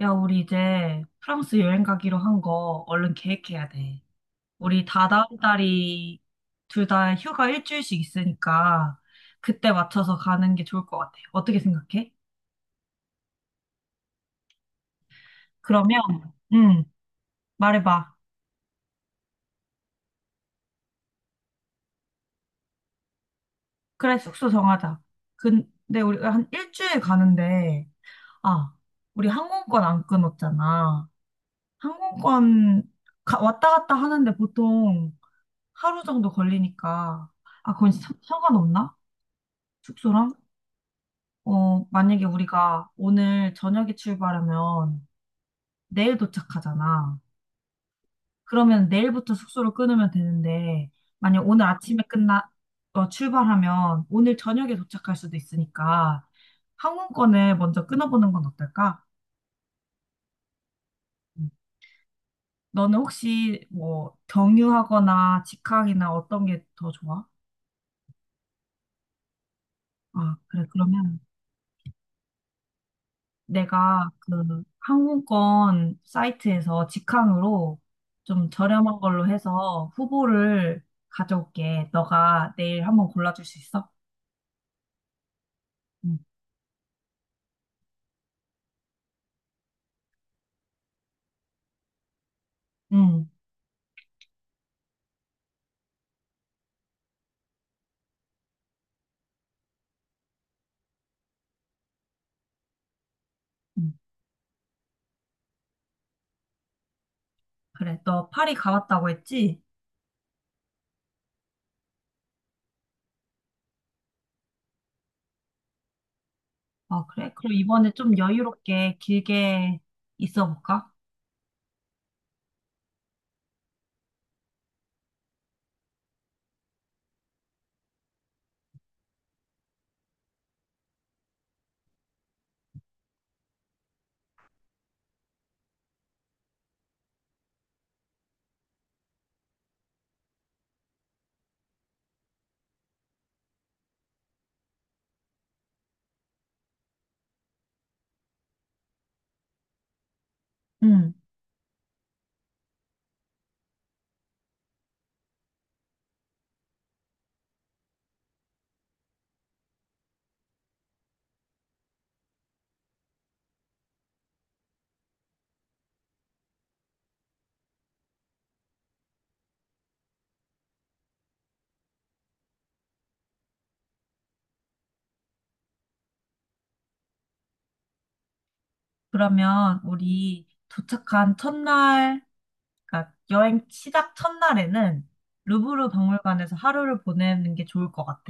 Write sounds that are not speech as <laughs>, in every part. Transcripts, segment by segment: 야, 우리 이제 프랑스 여행 가기로 한 거 얼른 계획해야 돼. 우리 다다음 달이 둘 다 휴가 일주일씩 있으니까 그때 맞춰서 가는 게 좋을 것 같아. 어떻게 생각해? 그러면, 응, 말해봐. 그래, 숙소 정하자. 근데 우리 한 일주일 가는데, 아, 우리 항공권 안 끊었잖아. 항공권 왔다 갔다 하는데 보통 하루 정도 걸리니까, 아, 그건 상관없나? 숙소랑? 어, 만약에 우리가 오늘 저녁에 출발하면 내일 도착하잖아. 그러면 내일부터 숙소를 끊으면 되는데, 만약 오늘 아침에 끝나, 어, 출발하면 오늘 저녁에 도착할 수도 있으니까 항공권을 먼저 끊어보는 건 어떨까? 음. 너는 혹시 뭐 경유하거나 직항이나 어떤 게 더 좋아? 아, 그래. 그러면 내가 그 항공권 사이트에서 직항으로 좀 저렴한 걸로 해서 후보를 가져올게. 너가 내일 한번 골라줄 수 있어? 응. 응. 응. 그래. 너 파리 가봤다고 했지? 아, 그래? 그럼 이번에 좀 여유롭게 길게 있어 볼까? 응. 그러면 우리 도착한 첫날 그러니까 여행 시작 첫날에는 루브르 박물관에서 하루를 보내는 게 좋을 것 같아.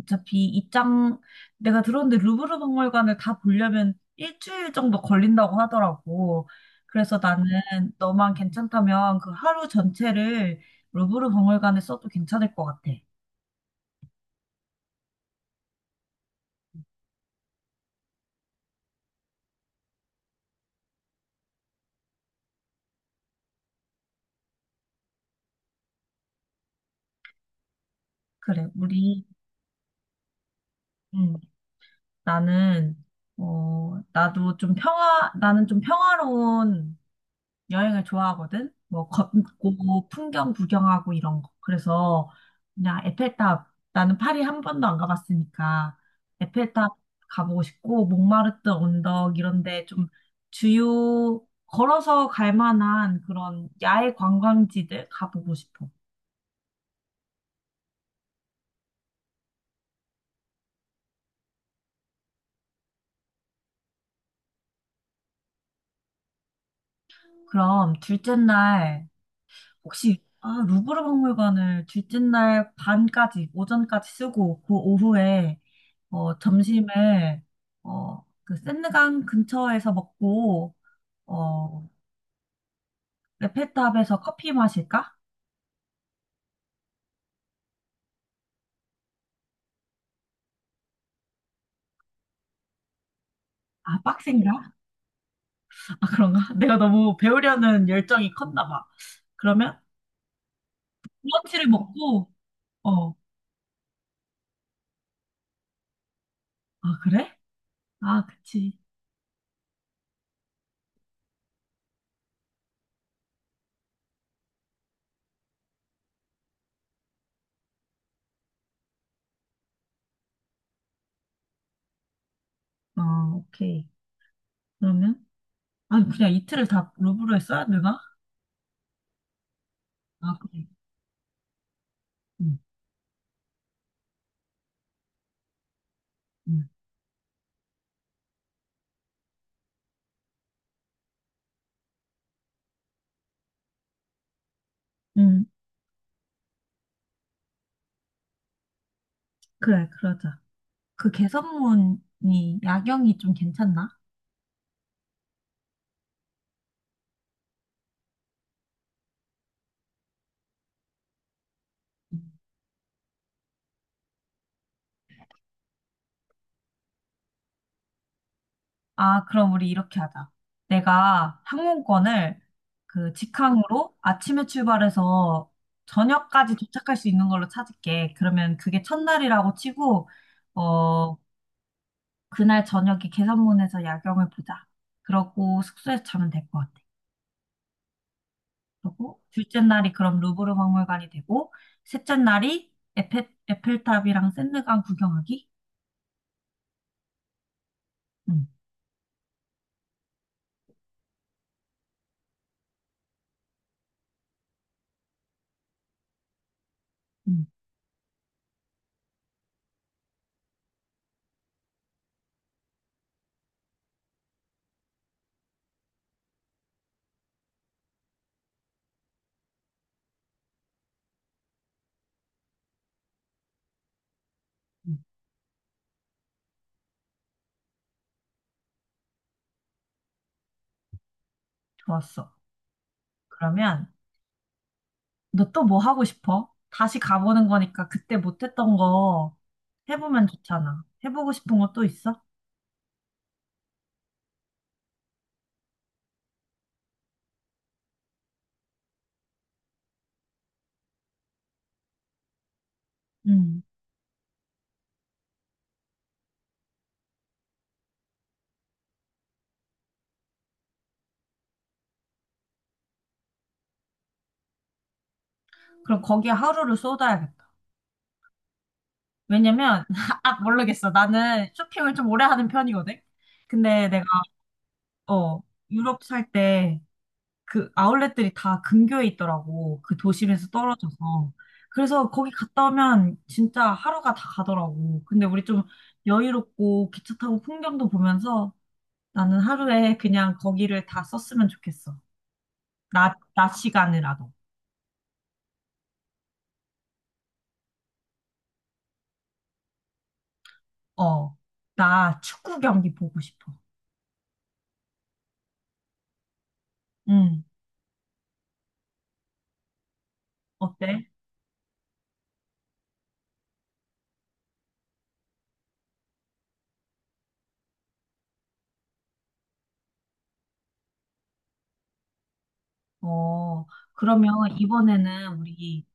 어차피 내가 들었는데 루브르 박물관을 다 보려면 일주일 정도 걸린다고 하더라고. 그래서 나는 너만 괜찮다면 그 하루 전체를 루브르 박물관에 써도 괜찮을 것 같아. 그래, 음, 나는, 나도 좀 평화로운 여행을 좋아하거든? 뭐, 걷고, 풍경 구경하고 이런 거. 그래서, 그냥 에펠탑, 나는 파리 한 번도 안 가봤으니까, 에펠탑 가보고 싶고, 몽마르트 언덕, 이런데 좀 걸어서 갈 만한 그런 야외 관광지들 가보고 싶어. 그럼 둘째 날, 혹시 아, 루브르 박물관을 둘째 날 오전까지 쓰고 그 오후에 점심을 그 센강 근처에서 먹고 어, 에펠탑에서 커피 마실까? 아, 빡센가? 아, 그런가? <laughs> 내가 너무 배우려는 열정이 컸나 봐. 그러면 브런치를 먹고 어, 아, 그래? 아, 그치. 어, 오케이. 그러면 아, 그냥 이틀을 다 루브르에 써야 되나? 아, 그래. 응, 응. 응, 그래, 그러자. 그 개선문이 야경이 좀 괜찮나? 음. 아, 그럼 우리 이렇게 하자. 내가 항공권을 그 직항으로 아침에 출발해서 저녁까지 도착할 수 있는 걸로 찾을게. 그러면 그게 첫날이라고 치고, 어, 그날 저녁에 개선문에서 야경을 보자. 그러고 숙소에서 자면 될 것 같아. 그러고 둘째 날이 그럼 루브르 박물관이 되고, 셋째 날이 에펠탑이랑 샌드강 구경하기? 응, 응, 응. 좋았어. 그러면 너 또 뭐 하고 싶어? 다시 가보는 거니까 그때 못했던 거 해보면 좋잖아. 해보고 싶은 거 또 있어? 응. 그럼 거기에 하루를 쏟아야겠다. 왜냐면, <laughs> 아, 모르겠어. 나는 쇼핑을 좀 오래 하는 편이거든? 근데 어, 유럽 살 때 그 아울렛들이 다 근교에 있더라고. 그 도심에서 떨어져서. 그래서 거기 갔다 오면 진짜 하루가 다 가더라고. 근데 우리 좀 여유롭고 기차 타고 풍경도 보면서 나는 하루에 그냥 거기를 다 썼으면 좋겠어. 낮 시간이라도. 어, 나 축구 경기 보고 싶어. 응, 어때? 어, 그러면 이번에는 우리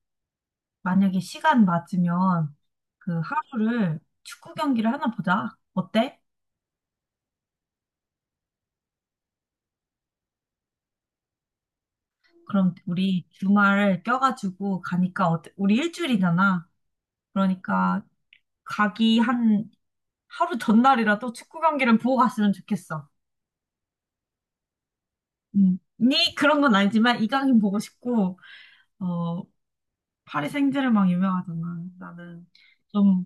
만약에 시간 맞으면 그 하루를 축구 경기를 하나 보자. 어때? 그럼 우리 주말 껴가지고 가니까 어때? 우리 일주일이잖아. 그러니까 가기 한 하루 전날이라도 축구 경기를 보고 갔으면 좋겠어. 음. 니 그런 건 아니지만 이강인 보고 싶고 어 파리 생제르맹 유명하잖아. 나는 좀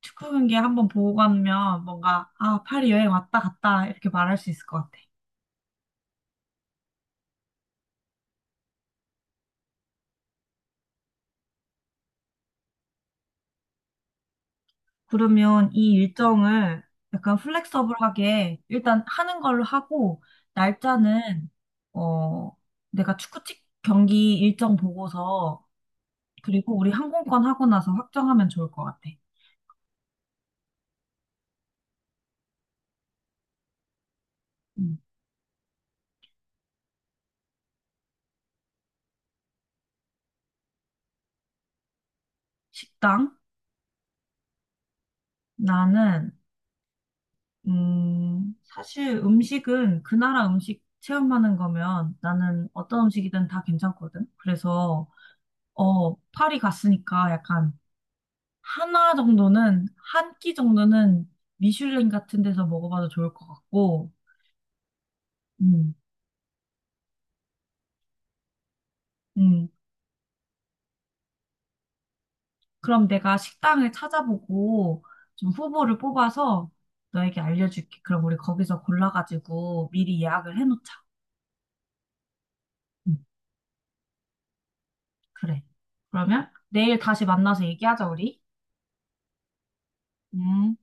축구 경기 한번 보고 가면 뭔가 아 파리 여행 왔다 갔다 이렇게 말할 수 있을 것 같아. 그러면 이 일정을 약간 플렉서블하게 일단 하는 걸로 하고 날짜는 어 내가 축구 측 경기 일정 보고서 그리고 우리 항공권 하고 나서 확정하면 좋을 것 같아. 음. 식당 나는 사실 음식은 그 나라 음식 체험하는 거면 나는 어떤 음식이든 다 괜찮거든. 그래서, 파리 갔으니까 약간 한 끼 정도는 미슐랭 같은 데서 먹어봐도 좋을 것 같고, 음, 음. 그럼 내가 식당을 찾아보고 좀 후보를 뽑아서 너에게 알려줄게. 그럼 우리 거기서 골라가지고 미리 예약을 해놓자. 음, 그래. 그러면 내일 다시 만나서 얘기하자, 우리. 음.